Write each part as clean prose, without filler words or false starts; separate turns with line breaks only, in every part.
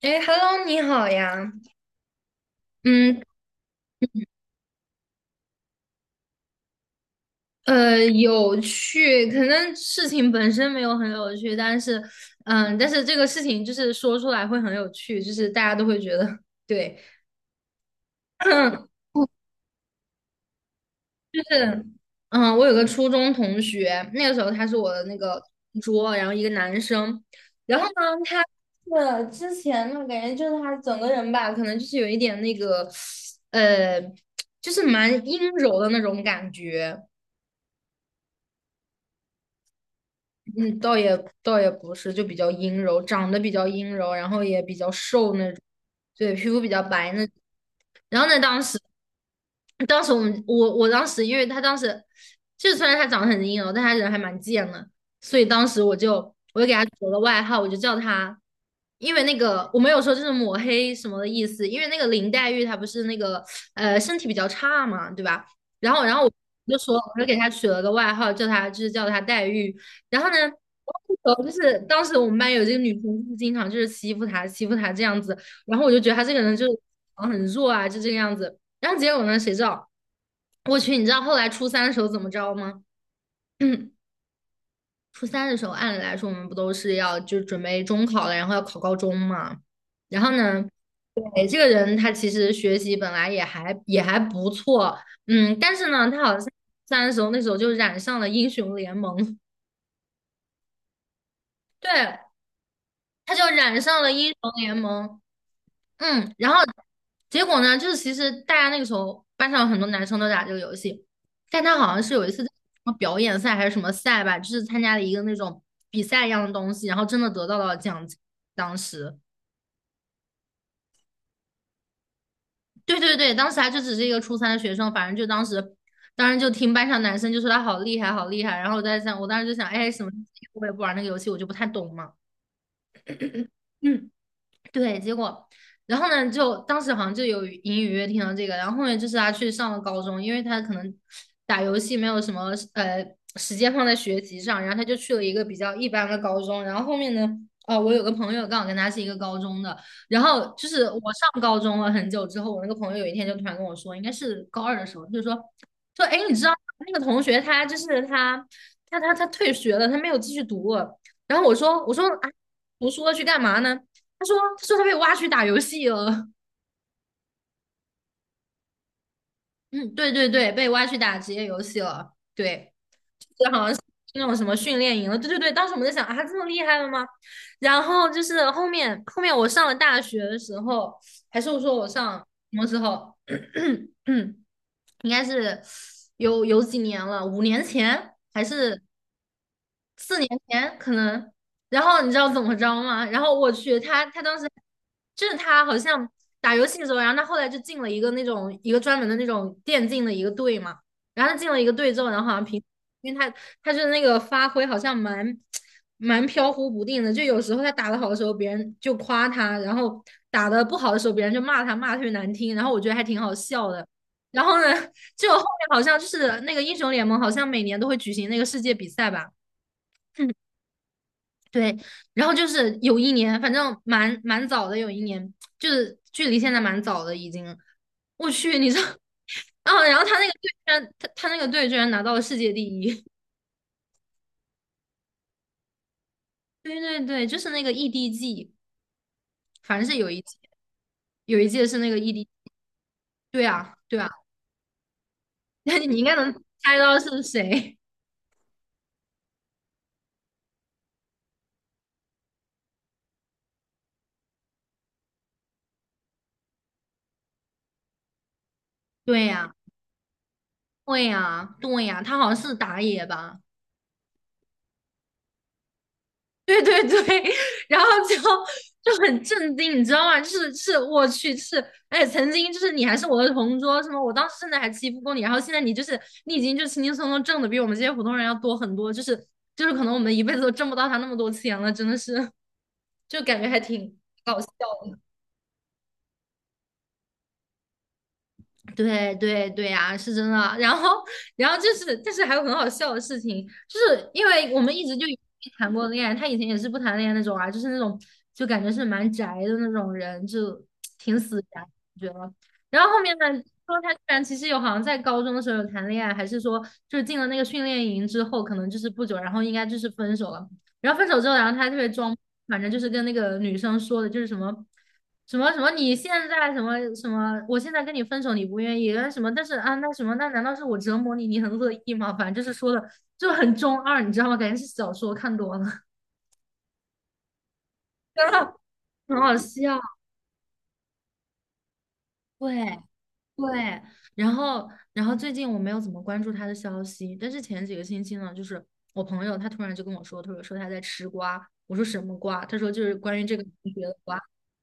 哎，Hello，你好呀。嗯，有趣，可能事情本身没有很有趣，但是，这个事情就是说出来会很有趣，就是大家都会觉得，对。就是，我有个初中同学，那个时候他是我的那个桌，然后一个男生。然后呢，他是之前呢，感觉就是他整个人吧，可能就是有一点那个，呃，就是蛮阴柔的那种感觉。嗯，倒也不是，就比较阴柔，长得比较阴柔，然后也比较瘦那种，对，皮肤比较白那种。然后呢，当时我们我当时，因为他当时就是虽然他长得很阴柔，但他人还蛮贱的，所以当时我就给他取了个外号，我就叫他，因为那个我没有说就是抹黑什么的意思，因为那个林黛玉她不是那个身体比较差嘛，对吧？然后我就说我就给他取了个外号，叫他就是叫他黛玉。然后呢，然后就是当时我们班有这个女生，就是经常就是欺负她，欺负她这样子。然后我就觉得她这个人就是啊很弱啊，就这个样子。然后结果呢，谁知道？我去，你知道后来初三的时候怎么着吗？初三的时候，按理来说我们不都是要就准备中考了，然后要考高中嘛。然后呢，对，这个人他其实学习本来也还不错。但是呢，他好像初三的时候那时候就染上了英雄联盟。对。他就染上了英雄联盟。然后结果呢，就是其实大家那个时候班上有很多男生都打这个游戏，但他好像是有一次在什么表演赛还是什么赛吧，就是参加了一个那种比赛一样的东西，然后真的得到了奖金。当时，对对对，当时他就只是一个初三的学生。反正就当时，当时就听班上男生就说他好厉害，好厉害，然后我在想，我当时就想，哎，什么意思？我也不玩那个游戏，我就不太懂嘛。嗯。对，结果，然后呢，就当时好像就有隐隐约约听到这个。然后后面就是他去上了高中，因为他可能打游戏没有什么时间放在学习上，然后他就去了一个比较一般的高中。然后后面呢，我有个朋友刚好跟他是一个高中的。然后就是我上高中了很久之后，我那个朋友有一天就突然跟我说，应该是高二的时候，就说，哎，你知道那个同学他就是他退学了，他没有继续读了。然后我说啊，读书了去干嘛呢？他说他被挖去打游戏了。嗯，对对对，被挖去打职业游戏了。对，那种什么训练营了。对对对，当时我们在想啊，这么厉害了吗？然后就是后面我上了大学的时候，还是我说我上什么时候？嗯，应该是有几年了，5年前还是。年可能。然后你知道怎么着吗？然后我去，他当时就是他好像打游戏的时候，然后他后来就进了一个那种一个专门的那种电竞的一个队嘛。然后他进了一个队之后，然后好像平，因为他就是那个发挥好像蛮飘忽不定的，就有时候他打得好的时候，别人就夸他，然后打得不好的时候，别人就骂他，骂得特别难听。然后我觉得还挺好笑的。然后呢，就后面好像就是那个英雄联盟，好像每年都会举行那个世界比赛吧。对。然后就是有一年，反正蛮早的，有一年就是距离现在蛮早的已经。我去，你知道，然后他那个队居然他那个队居然拿到了世界第一。对对对，就是那个 EDG，反正是有一届是那个 ED。对啊，对啊。那你应该能猜到是谁。对呀，对呀，对呀，他好像是打野吧？对对对。然后就很震惊，你知道吗？就是是我去，是哎，曾经就是你还是我的同桌，什么我当时甚至还欺负过你，然后现在你就是你已经就轻轻松松挣的比我们这些普通人要多很多，就是可能我们一辈子都挣不到他那么多钱了，真的是，就感觉还挺搞笑。对对对呀，是真的。然后，然后，就是，但是还有很好笑的事情，就是因为我们一直就没谈过恋爱，他以前也是不谈恋爱那种啊，就是那种就感觉是蛮宅的那种人，就挺死宅的，我觉得。然后后面呢，说他居然其实有好像在高中的时候有谈恋爱，还是说就是进了那个训练营之后，可能就是不久，然后应该就是分手了。然后分手之后，然后他还特别装，反正就是跟那个女生说的，就是什么什么什么，你现在什么什么，我现在跟你分手，你不愿意，那什么，但是啊，那什么，那难道是我折磨你，你很乐意吗？反正就是说的就很中二，你知道吗？感觉是小说看多了。真的很好笑。对，对，然后，最近我没有怎么关注他的消息，但是前几个星期呢，就是我朋友他突然就跟我说，他说他在吃瓜。我说什么瓜？他说就是关于这个同学的瓜。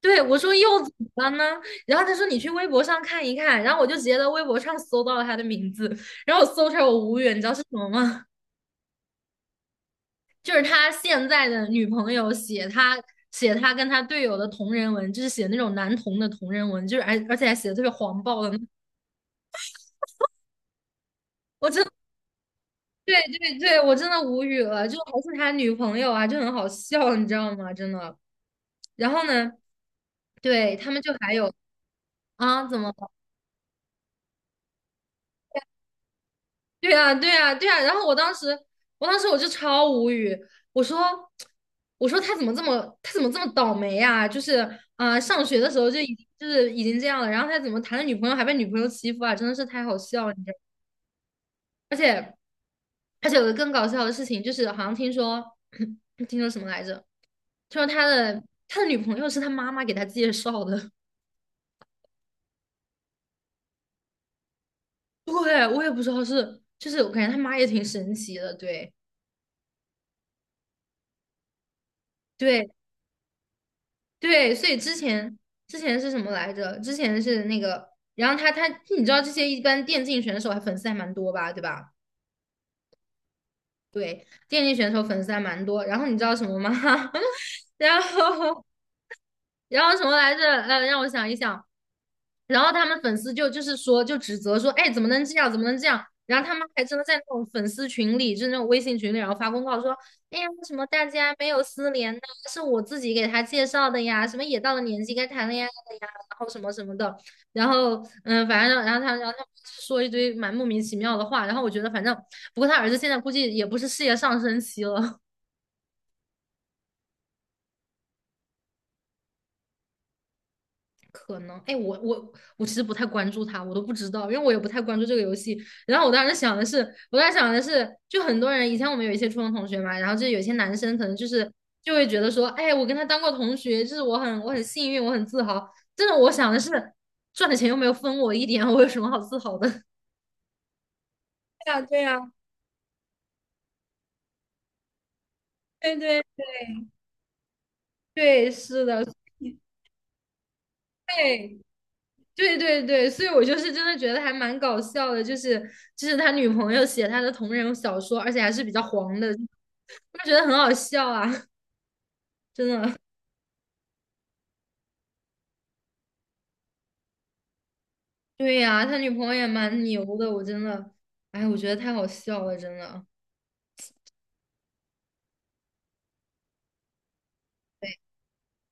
对，我说又怎么了呢？然后他说你去微博上看一看，然后我就直接在微博上搜到了他的名字，然后我搜出来我无语，你知道是什么吗？就是他现在的女朋友写他跟他队友的同人文，就是写那种男同的同人文，就是而且还写的特别黄暴的那，我真对对对，我真的无语了，就还是他女朋友啊，就很好笑，你知道吗？真的。然后呢，对，他们就还有啊，怎么了？对啊，对啊，对啊。然后我当时，我就超无语。我说，我说，他怎么这么倒霉呀，就是啊，上学的时候就已经就是已经这样了，然后他怎么谈了女朋友还被女朋友欺负啊？真的是太好笑了，你知道吗？而且而且有个更搞笑的事情，就是好像听说，听说什么来着？听说他的女朋友是他妈妈给他介绍的。对，我也不知道是，就是我感觉他妈也挺神奇的。对，对，对，所以之前是什么来着？之前是那个，然后他你知道这些一般电竞选手还粉丝还蛮多吧，对吧？对，电竞选手粉丝还蛮多。然后你知道什么吗？然后然后什么来着？让我想一想。然后他们粉丝就是说指责说，哎，怎么能这样，怎么能这样？然后他们还真的在那种粉丝群里，就是那种微信群里，然后发公告说，哎呀，为什么大家没有私联呢？是我自己给他介绍的呀，什么也到了年纪该谈恋爱了呀，然后什么什么的，然后嗯，反正然后他然后他们说一堆蛮莫名其妙的话，然后我觉得反正不过他儿子现在估计也不是事业上升期了，可能，哎，我其实不太关注他，我都不知道，因为我也不太关注这个游戏。然后我当时想的是，我当时想的是，就很多人以前我们有一些初中同学嘛，然后就有些男生可能就是就会觉得说，哎，我跟他当过同学，就是我很幸运，我很自豪。真的，我想的是，赚的钱又没有分我一点，我有什么好自豪的？对呀，对呀，对对对对，是的，对。对对对，所以我就是真的觉得还蛮搞笑的，就是就是他女朋友写他的同人小说，而且还是比较黄的，我就觉得很好笑啊，真的。对呀、他女朋友也蛮牛的，我真的，哎，我觉得太好笑了，真的。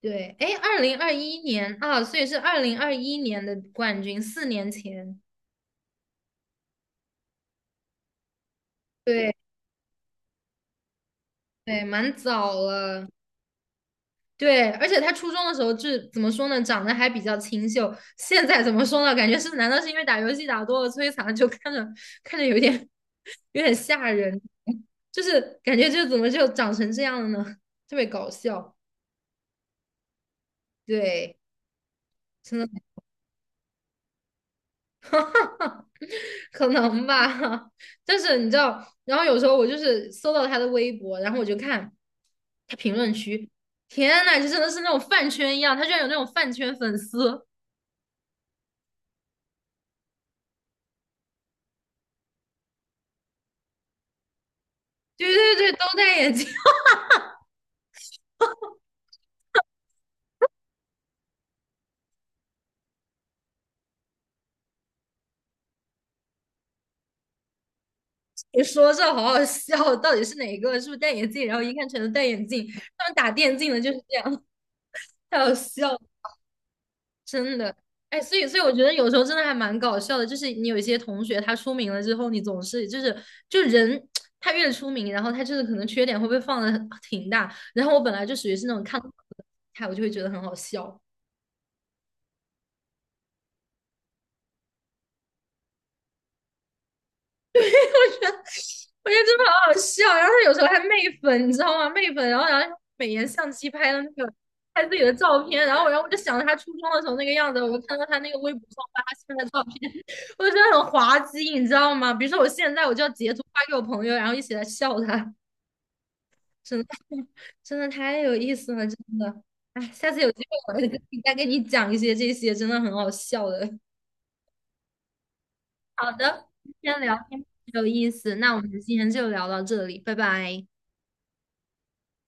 对，哎，二零二一年啊，所以是二零二一年的冠军，4年前。对对，蛮早了。对，而且他初中的时候就是怎么说呢，长得还比较清秀。现在怎么说呢？感觉是，难道是因为打游戏打多了摧残了，就看着有点吓人，就是感觉就怎么就长成这样了呢？特别搞笑，对，真的，可能吧。但是你知道，然后有时候我就是搜到他的微博，然后我就看他评论区，天呐，就真的是那种饭圈一样，他居然有那种饭圈粉丝，对对对，都戴眼镜。你说这好好笑，到底是哪个？是不是戴眼镜？然后一看全都戴眼镜，他们打电竞的就是这样，太好笑了，真的。哎，所以所以我觉得有时候真的还蛮搞笑的，就是你有一些同学他出名了之后，你总是就是就人他越出名，然后他就是可能缺点会被放的挺大，然后我本来就属于是那种看不惯的，我就会觉得很好笑。我觉得真的好好笑。然后他有时候还媚粉，你知道吗？媚粉，然后美颜相机拍的那个拍自己的照片，然后我就想着他初中的时候那个样子，我就看到他那个微博上发他现在的照片，我就觉得很滑稽，你知道吗？比如说我现在我就要截图发给我朋友，然后一起来笑他，真的 真的太有意思了，真的。哎，下次有机会我再跟你讲一些这些真的很好笑的。好的，今天聊天有意思，那我们今天就聊到这里，拜拜。